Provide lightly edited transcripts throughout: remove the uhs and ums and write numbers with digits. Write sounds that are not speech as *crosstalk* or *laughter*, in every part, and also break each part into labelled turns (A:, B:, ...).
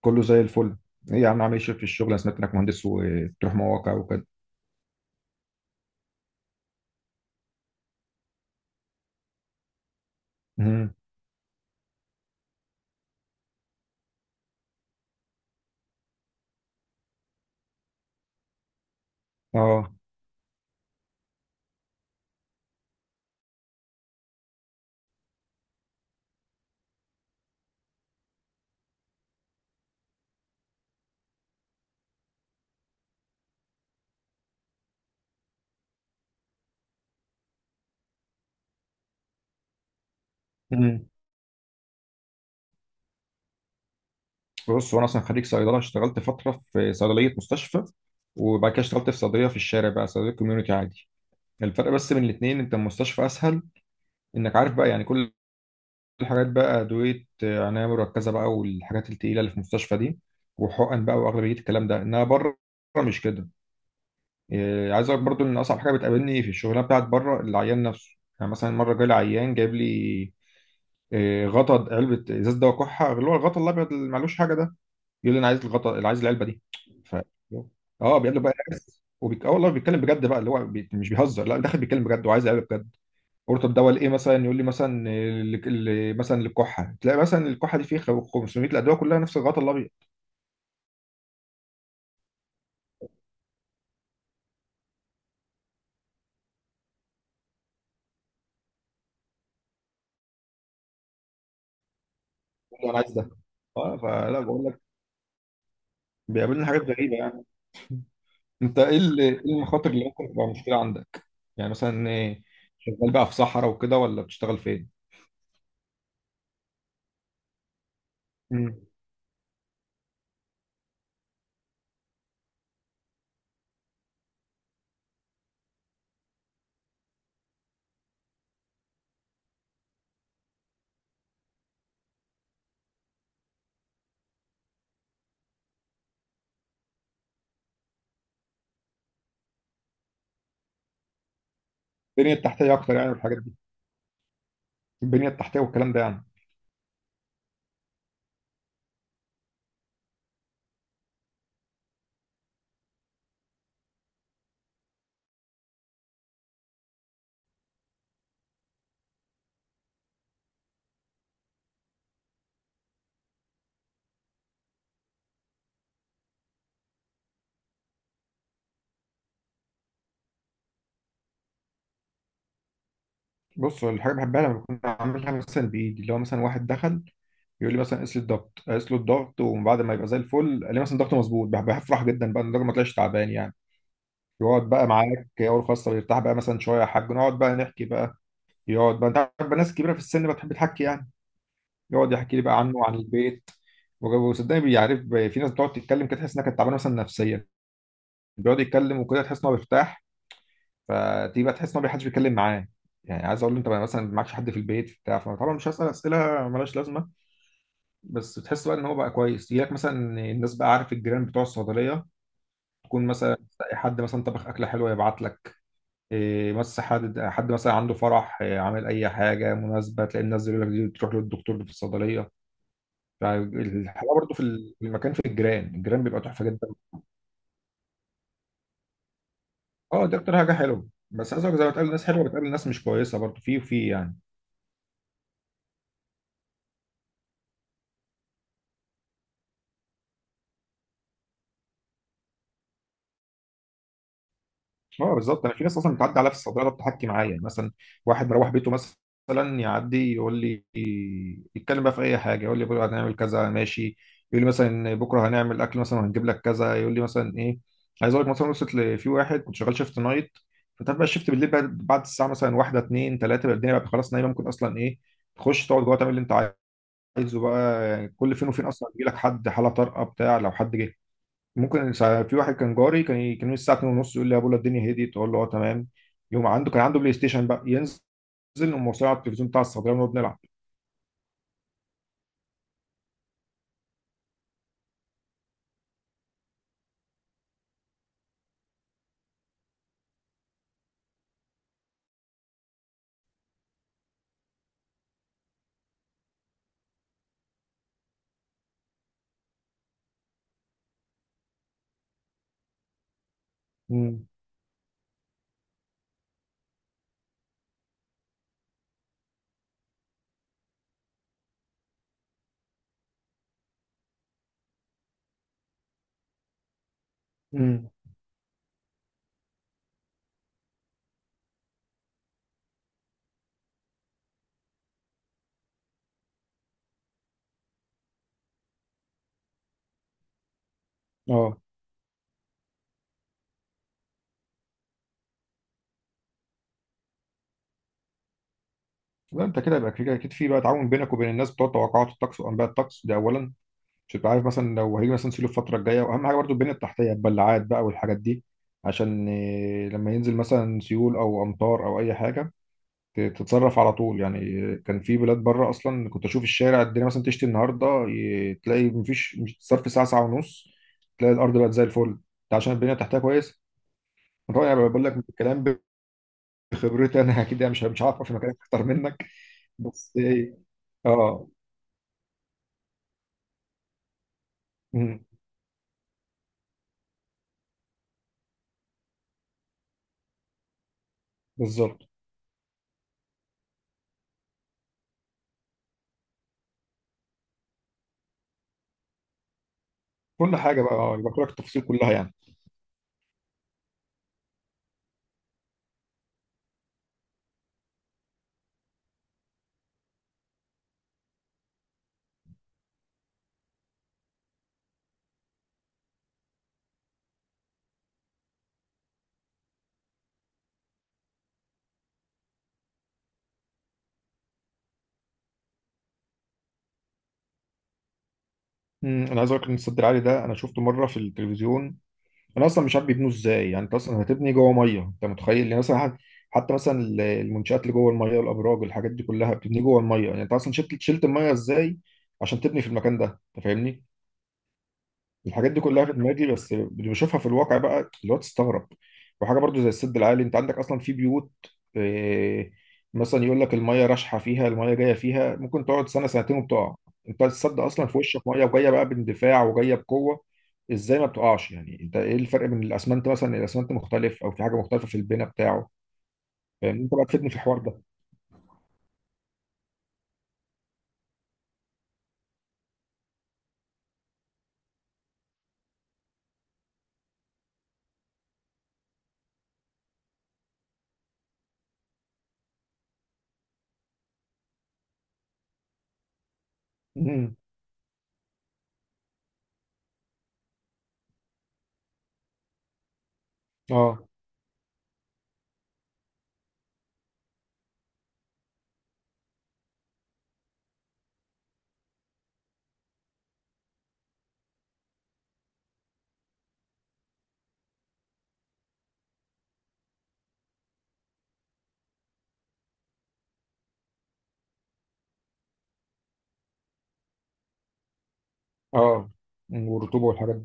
A: كله زي الفل. ايه يا عم، عامل ايه في الشغل؟ انا سمعت انك مهندس وبتروح مواقع وكده. امم اه امم بص، وانا اصلا خريج صيدله، اشتغلت فتره في صيدليه مستشفى، وبعد كده اشتغلت في صيدليه في الشارع بقى، صيدليه كوميونتي عادي. الفرق بس بين الاثنين انت المستشفى اسهل، انك عارف بقى يعني كل الحاجات بقى ادويه، عنايه مركزه بقى والحاجات التقيله اللي في المستشفى دي وحقن بقى، واغلبيه الكلام ده انها بره، مش كده؟ عايز اقول لك برضو ان اصعب حاجه بتقابلني في الشغلانه بتاعت بره العيان نفسه. يعني مثلا مره جالي عيان جايب لي غطا علبه ازاز دواء كحه، اللي هو الغطا الابيض اللي معلوش حاجه ده. يقول لي انا عايز الغطا، اللي عايز العلبه دي. ف اه، بيقابله بقى ناس، اه والله بيتكلم بجد بقى، مش بيهزر، لا، داخل بيتكلم بجد وعايز العلبه بجد. قلت طب دواء لايه؟ مثلا يقول لي مثلا مثلا للكحه، تلاقي مثلا الكحه دي فيه 500 الادويه كلها نفس الغطا الابيض. يقول لي انا عايز ده. اه، فلا بقول لك، بيقابلنا حاجات غريبه يعني. انت ايه ايه المخاطر اللي ممكن تبقى مشكله عندك؟ يعني مثلا، شغال بقى في صحراء وكده ولا بتشتغل فين؟ البنيه التحتيه اكتر يعني والحاجات دي؟ البنيه التحتيه والكلام ده يعني؟ بص، الحاجه بحبها لما بكون عاملها مثلا بايدي، اللي هو مثلا واحد دخل يقول لي مثلا قيس لي الضغط، قيس له الضغط ومن بعد ما يبقى زي الفل، قال لي مثلا ضغطه مظبوط، بفرح جدا بقى إن الراجل ما طلعش تعبان يعني. يقعد بقى معاك اول خاصه، ويرتاح بقى مثلا شويه، يا حاج نقعد بقى نحكي بقى. يقعد بقى، انت عارف بقى ناس كبيره في السن بتحب تحكي يعني. يقعد يحكي لي بقى عنه وعن البيت. وصدقني بيعرف. في ناس بتقعد تتكلم كده، تحس انها كانت تعبانه مثلا نفسيا، بيقعد يتكلم وكده تحس ان هو بيرتاح. فدي بقى تحس ان هو حدش بيتكلم معاه، يعني عايز اقول له انت بقى مثلا معكش حد في البيت بتاع، فطبعا مش هسال اسئله ملهاش لازمه، بس تحس بقى ان هو بقى كويس. يجي لك مثلا الناس بقى، عارف الجيران بتوع الصيدليه، تكون مثلا تلاقي حد مثلا طبخ اكله حلوه يبعت لك، إيه بس حد مثلا عنده فرح، إيه، عامل اي حاجه مناسبه، تلاقي الناس يقول لك دي تروح للدكتور اللي في الصيدليه. فالحلاوه برضه في في المكان، في الجيران، الجيران بيبقى تحفه جدا. اه دي اكتر حاجه حلوه، بس عايز اقول لك زي ما بتقابل ناس حلوه بتقابل ناس مش كويسه برضه، في يعني. اه بالظبط، انا في ناس اصلا بتعدي عليا في الصيدله بتحكي معايا، يعني مثلا واحد مروح بيته مثلا يعدي يقول لي، يتكلم بقى في اي حاجه، يقول لي بكره هنعمل كذا، ماشي. يقول لي مثلا بكره هنعمل اكل مثلا وهنجيب لك كذا، يقول لي مثلا ايه. عايز اقول لك مثلا، في واحد كنت شغال شيفت نايت، فانت عارف بقى الشيفت بالليل بقى بعد الساعه مثلا واحده اتنين تلاته بقى الدنيا بقى خلاص نايمه، ممكن اصلا ايه، تخش تقعد جوه تعمل اللي انت عايزه بقى يعني. كل فين وفين اصلا يجي لك حد حاله طارئه بتاع، لو حد جه. في واحد كان جاري، كان يجي الساعه 2 ونص يقول لي يا بولا الدنيا هديت، اقول له اه تمام. يوم عنده كان عنده بلاي ستيشن بقى، ينزل، نقوم موصلين على التلفزيون بتاع الصيدليه ونقعد نلعب. امم امم اه لا، انت كده يبقى كده اكيد في بقى تعاون بينك وبين الناس بتوع توقعات الطقس وانباء الطقس، ده اولا، عشان تبقى عارف مثلا لو هيجي مثلا سيلو الفتره الجايه. واهم حاجه برضو البنيه التحتيه، البلاعات بقى والحاجات دي، عشان لما ينزل مثلا سيول او امطار او اي حاجه، تتصرف على طول يعني. كان في بلاد بره اصلا كنت اشوف الشارع، الدنيا مثلا تشتي النهارده، تلاقي مفيش صرف، ساعه ساعه ونص تلاقي الارض بقت زي الفل، ده عشان البنيه تحتها كويس. طبعا انا بقول لك من الكلام، بخبرتي انا *laughs* اكيد يعني مش عارفه، في مكان اكتر منك. بس ايه. اه. مم، بالظبط. كل حاجه بقى اه يبقى لك التفاصيل كلها يعني. انا عايز اقول لك ان السد العالي ده انا شفته مره في التلفزيون. انا اصلا مش عارف بيبنوا ازاي، يعني انت اصلا هتبني جوه ميه، انت متخيل يعني مثلا، حتى مثلا المنشات اللي جوه الميه، الابراج، الحاجات دي كلها بتبني جوه الميه، يعني انت اصلا شلت الميه ازاي عشان تبني في المكان ده؟ انت فاهمني؟ الحاجات دي كلها في دماغي بس اللي بشوفها في الواقع بقى اللي هو تستغرب. وحاجه برضو زي السد العالي، انت عندك اصلا في بيوت، آه، مثلا يقول لك الميه راشحه فيها، الميه جايه فيها، ممكن تقعد سنه سنتين وبتقع. انت السد اصلا في وشك ميه وجايه بقى باندفاع وجايه بقوه، ازاي ما بتقعش يعني؟ انت ايه الفرق بين الاسمنت مثلا، الاسمنت مختلف او في حاجه مختلفه في البناء بتاعه؟ فاهم؟ انت بقى تفيدني في الحوار ده. مم. اه. اه والرطوبه والحاجات.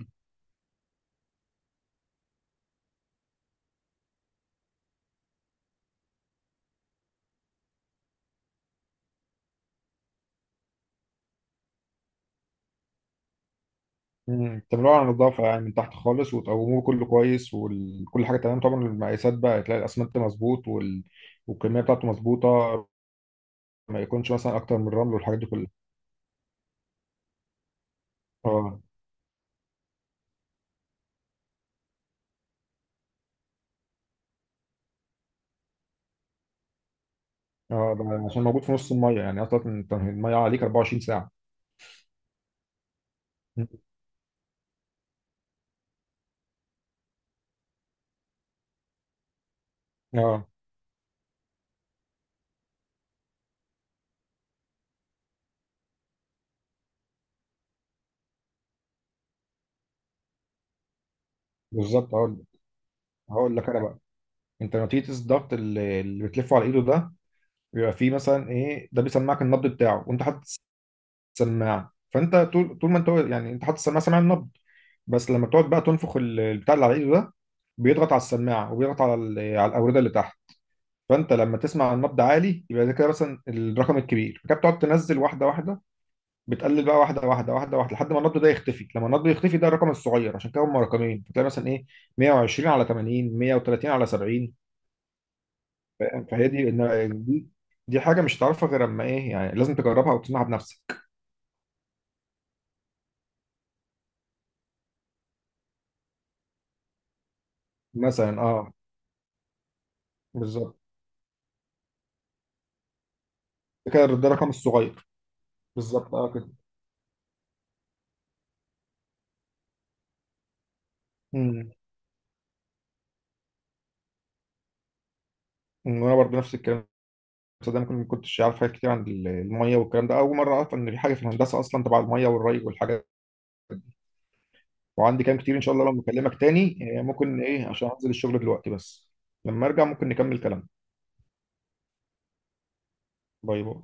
A: مم. تعملوها على نظافة يعني من تحت خالص، وتقوموه كله كويس وكل حاجة تمام، طبعا المقاسات بقى تلاقي الأسمنت مظبوط والكمية بتاعته مظبوطة، ما يكونش مثلا أكتر من الرمل والحاجات دي كلها. اه. اه ده عشان موجود في نص المية، يعني أصلا أنت المية عليك 24 ساعة. مم. اه بالظبط. هقول لك أنا بقى. أنت لما تيجي تقيس الضغط، اللي بتلفه على إيده ده، بيبقى فيه مثلا إيه، ده بيسمعك النبض بتاعه وأنت حاطط السماعة. فأنت طول ما أنت يعني أنت حاطط السماعة، سامع النبض، بس لما بتقعد بقى تنفخ البتاع اللي على ايده ده، بيضغط على السماعه وبيضغط على على الاورده اللي تحت. فانت لما تسمع النبض عالي يبقى ده كده مثلا الرقم الكبير، فكده بتقعد تنزل واحده واحده، بتقلل بقى واحده واحده واحده واحده لحد ما النبض ده يختفي. لما النبض يختفي ده الرقم الصغير، عشان كده هم رقمين. فتلاقي مثلا ايه، 120 على 80، 130 على 70. فاهم؟ فهي دي دي دي حاجه مش هتعرفها غير اما ايه، يعني لازم تجربها وتسمعها بنفسك. مثلا اه. بالظبط. ده كده ده الرقم الصغير. بالظبط اه كده. امم. وانا برضه نفس الكلام، ده انا ما كنتش عارف حاجات كتير عن الميه والكلام ده، اول مره اعرف ان في حاجه في الهندسه اصلا تبع الميه والري والحاجات. وعندي كلام كتير ان شاء الله لما اكلمك تاني. ممكن ايه عشان انزل الشغل دلوقتي بس، لما ارجع ممكن نكمل كلام. باي باي.